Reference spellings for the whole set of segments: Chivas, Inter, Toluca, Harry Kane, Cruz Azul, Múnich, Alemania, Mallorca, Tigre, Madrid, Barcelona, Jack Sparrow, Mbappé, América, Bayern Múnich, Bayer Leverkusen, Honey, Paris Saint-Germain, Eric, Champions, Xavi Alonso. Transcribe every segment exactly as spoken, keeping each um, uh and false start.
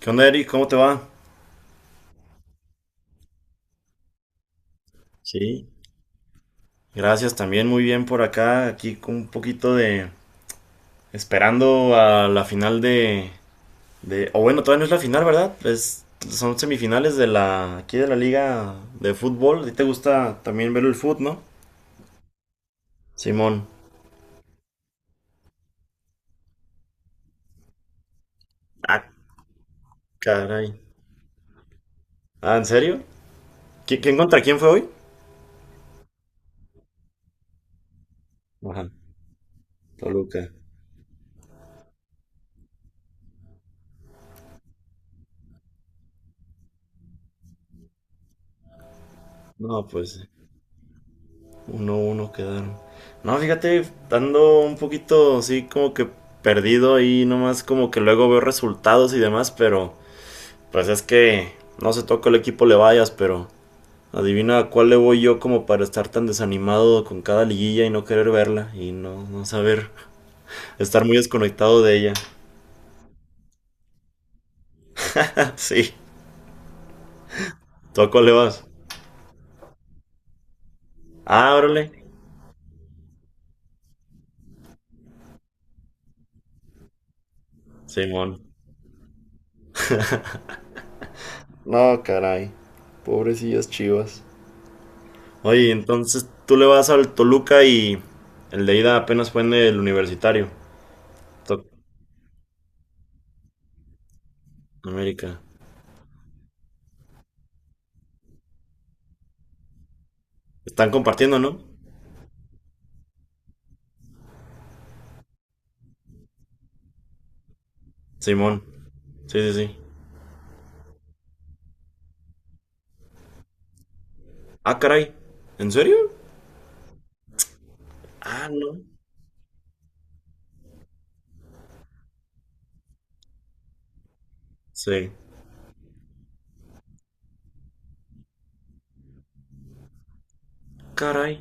¿Qué onda, Eric? ¿Cómo te va? Sí, gracias, también muy bien por acá, aquí con un poquito de esperando a la final de... de... o bueno, todavía no es la final, ¿verdad? Es- son semifinales de la aquí de la liga de fútbol. ¿A ti te gusta también ver el fútbol, no? Simón. Ah, caray. Ah, ¿en serio? ¿Qui- ¿Quién contra quién fue hoy? Ajá, Toluca. No, pues uno, uno quedaron. No, fíjate, ando un poquito así como que perdido y nomás como que luego veo resultados y demás, pero pues es que no se toca el equipo le vayas, pero adivina a cuál le voy yo como para estar tan desanimado con cada liguilla y no querer verla y no, no saber estar muy desconectado de ella. Sí, ¿tú a cuál le vas? Ah, órale, Simón. No, caray, pobrecillas Chivas. Oye, entonces tú le vas al Toluca y el de ida apenas fue en el universitario. To- América. Están compartiendo, ¿no? Simón. Sí, sí, sí. Ah, caray. ¿En serio? Ah, no. Sí. Caray.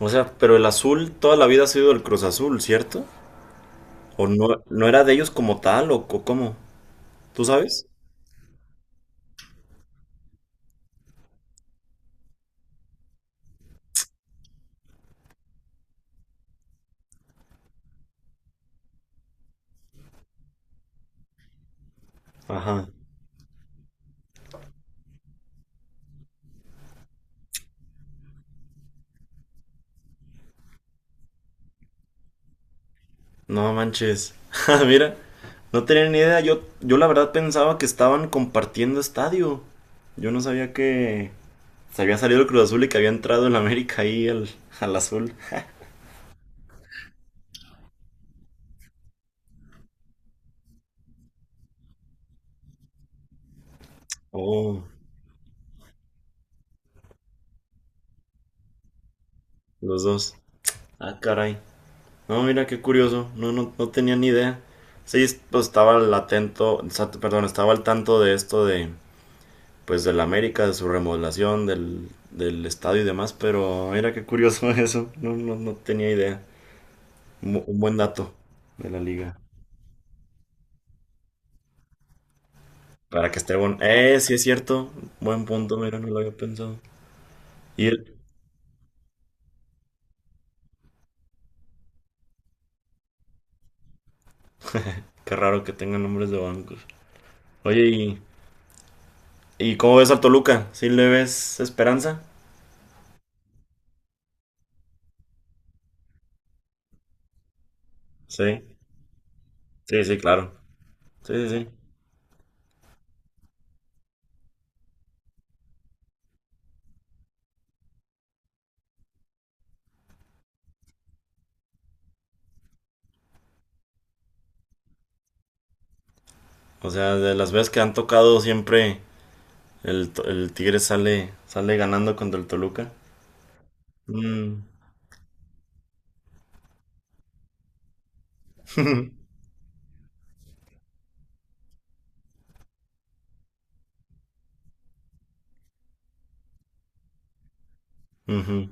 O sea, pero el Azul toda la vida ha sido el Cruz Azul, ¿cierto? ¿O no, no era de ellos como tal o co- cómo? ¿Tú sabes? Ajá. No manches. Ah, mira, no tenía ni idea. Yo, yo la verdad pensaba que estaban compartiendo estadio. Yo no sabía que se había salido el Cruz Azul y que había entrado el América ahí al, al Azul. Oh, los dos. Ah, caray. No, mira, qué curioso. No, no, no tenía ni idea. Sí, pues estaba al atento, o sea, perdón, estaba al tanto de esto de, pues, del América, de su remodelación, del, del estadio y demás, pero mira qué curioso eso. No, no, no tenía idea. Un, bu- un buen dato de la liga. Para que esté bueno. Eh, sí es cierto. Buen punto, mira, no lo había pensado. Y el- Qué raro que tengan nombres de bancos. Oye, y ¿Y cómo ves al Toluca? ¿Sí le ves esperanza? Sí, sí, sí, claro. Sí, sí, sí. O sea, de las veces que han tocado siempre el, to- el Tigre sale, sale ganando contra el Toluca. Mm. Ujú.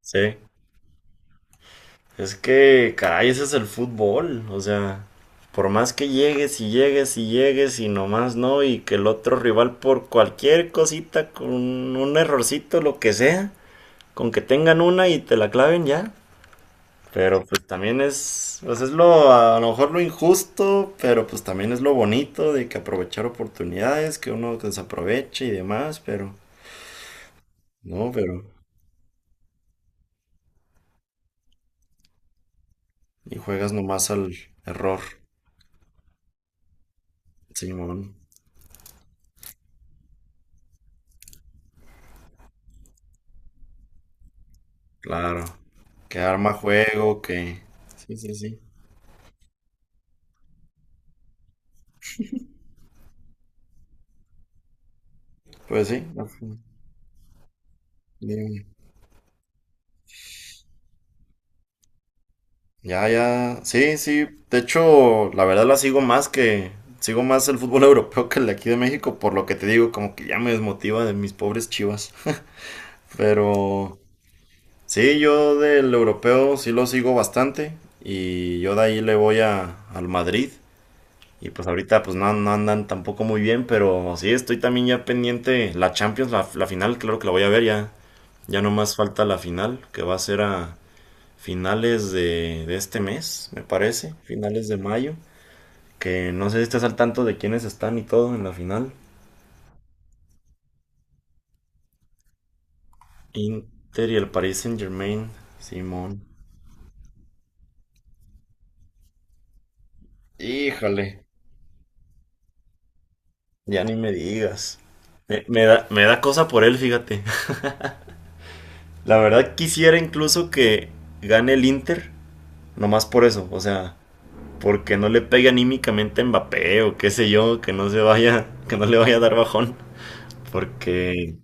Sí. Es que, caray, ese es el fútbol. O sea, por más que llegues y llegues y llegues y nomás no, y que el otro rival por cualquier cosita, con un errorcito, lo que sea, con que tengan una y te la claven ya. Pero pues también es, pues es lo, a lo mejor lo injusto, pero pues también es lo bonito de que aprovechar oportunidades, que uno desaproveche y demás, pero no, pero y juegas nomás al error, Simón. Claro, que arma juego, que... Sí, sí, sí. Pues sí, no, dígame. Ya, ya, sí, sí. De hecho, la verdad la sigo más que, sigo más el fútbol europeo que el de aquí de México, por lo que te digo, como que ya me desmotiva de mis pobres Chivas. Pero... sí, yo del europeo sí lo sigo bastante y yo de ahí le voy a, al Madrid y pues ahorita pues no, no andan tampoco muy bien, pero sí estoy también ya pendiente la Champions, la, la final, claro que la voy a ver ya, ya nomás falta la final que va a ser a finales de, de este mes, me parece, finales de mayo, que no sé si estás al tanto de quiénes están y todo en la final. Inter y el Paris Saint-Germain, Simón. Híjole. Ya ni me digas. Me, me da, me da cosa por él, fíjate. La verdad quisiera incluso que gane el Inter, nomás por eso, o sea, porque no le pegue anímicamente a Mbappé o qué sé yo, que no se vaya, que no le vaya a dar bajón, porque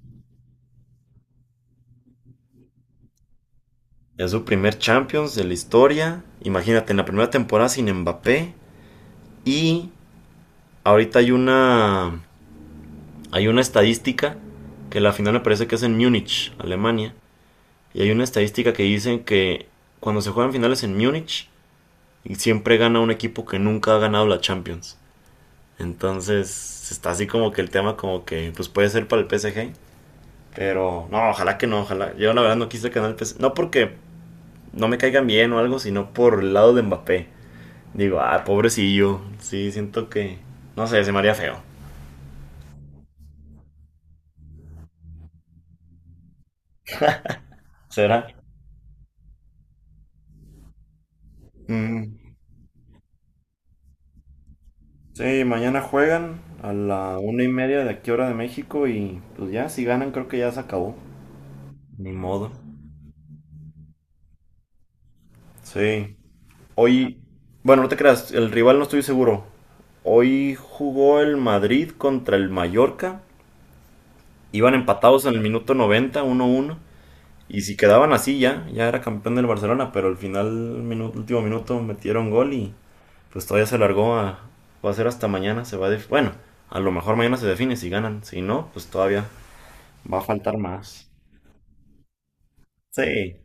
es su primer Champions de la historia. Imagínate, en la primera temporada sin Mbappé y ahorita hay una hay una estadística que la final me parece que es en Múnich, Alemania. Y hay una estadística que dicen que cuando se juegan finales en Múnich, siempre gana un equipo que nunca ha ganado la Champions. Entonces está así como que el tema como que pues puede ser para el P S G. Pero no, ojalá que no, ojalá. Yo la verdad no quise ganar el P S G. No porque no me caigan bien o algo, sino por el lado de Mbappé. Digo, ah, pobrecillo. Sí, siento que... no sé, se me haría feo. ¿Será? Mm, sí, mañana juegan a la una y media de aquí hora de México y pues ya, si ganan creo que ya se acabó. Ni modo. Sí. Hoy, bueno, no te creas, el rival no estoy seguro. Hoy jugó el Madrid contra el Mallorca. Iban empatados en el minuto noventa, uno uno. Y si quedaban así ya, ya era campeón del Barcelona, pero al final, minuto, último minuto, metieron gol y pues todavía se largó a... va a ser hasta mañana, se va a... def- bueno, a lo mejor mañana se define si ganan. Si no, pues todavía va a faltar más. Sí.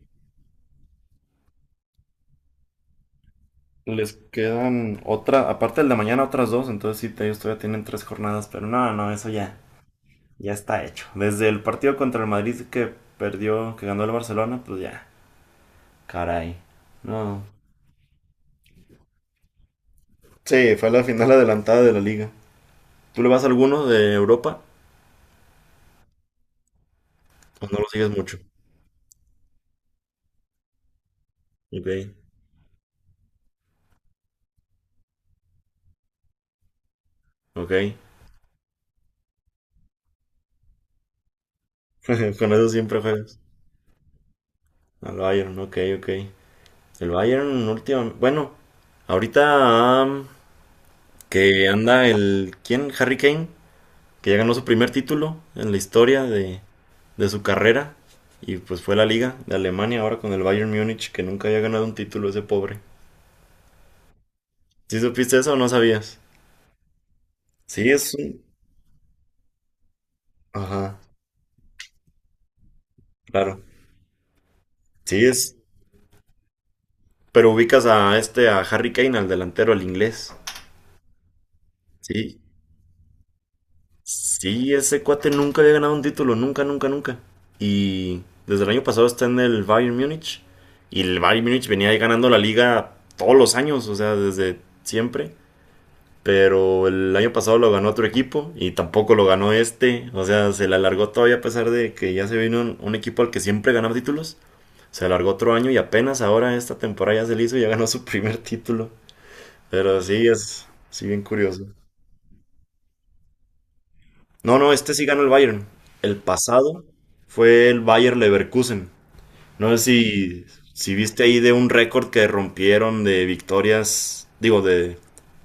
Les quedan otra, aparte del de mañana, otras dos, entonces sí, te- ellos todavía tienen tres jornadas, pero no, no, eso ya, ya está hecho. Desde el partido contra el Madrid que perdió, que ganó el Barcelona, pues ya, caray. No. Sí, fue la final adelantada de la liga. ¿Tú le vas a alguno de Europa o no lo sigues mucho? Ok, ok. Con eso siempre juegas. Al Bayern, ok, ok. El Bayern, último, bueno, ahorita am, que anda el, ¿quién? Harry Kane que ya ganó su primer título en la historia de, de su carrera. Y pues fue la liga de Alemania ahora con el Bayern Múnich, que nunca había ganado un título ese pobre. ¿Sí supiste eso o no sabías? Sí, es un... ajá, claro. Sí, es... pero ubicas a este, a Harry Kane, al delantero, al inglés. Sí, sí, ese cuate nunca había ganado un título, nunca, nunca, nunca. Y desde el año pasado está en el Bayern Múnich. Y el Bayern Múnich venía ahí ganando la liga todos los años, o sea, desde siempre. Pero el año pasado lo ganó otro equipo y tampoco lo ganó este. O sea, se le alargó todavía a pesar de que ya se vino un, un equipo al que siempre ganaba títulos. Se alargó otro año y apenas ahora esta temporada ya se le hizo y ya ganó su primer título. Pero sí, es sí bien curioso. No, no, este sí ganó el Bayern. El pasado fue el Bayer Leverkusen. No sé si, si viste ahí de un récord que rompieron de victorias, digo, de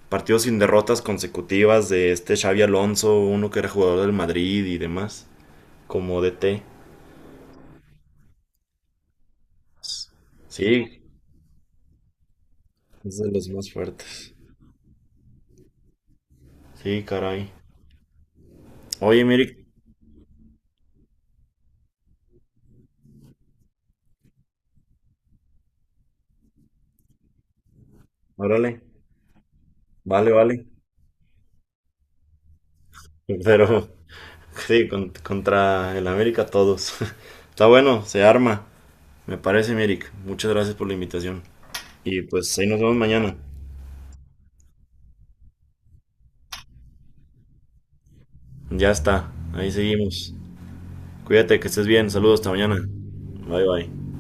partidos sin derrotas consecutivas de este Xavi Alonso, uno que era jugador del Madrid y demás, como D T. Sí, es de los más fuertes. Sí, caray. Oye, Mirik, órale, vale, vale. Pero sí, con- contra el América todos. Está bueno, se arma. Me parece, Mirik. Muchas gracias por la invitación. Y pues ahí nos vemos mañana. Ya está, ahí seguimos. Cuídate, que estés bien. Saludos, hasta mañana. Bye, bye.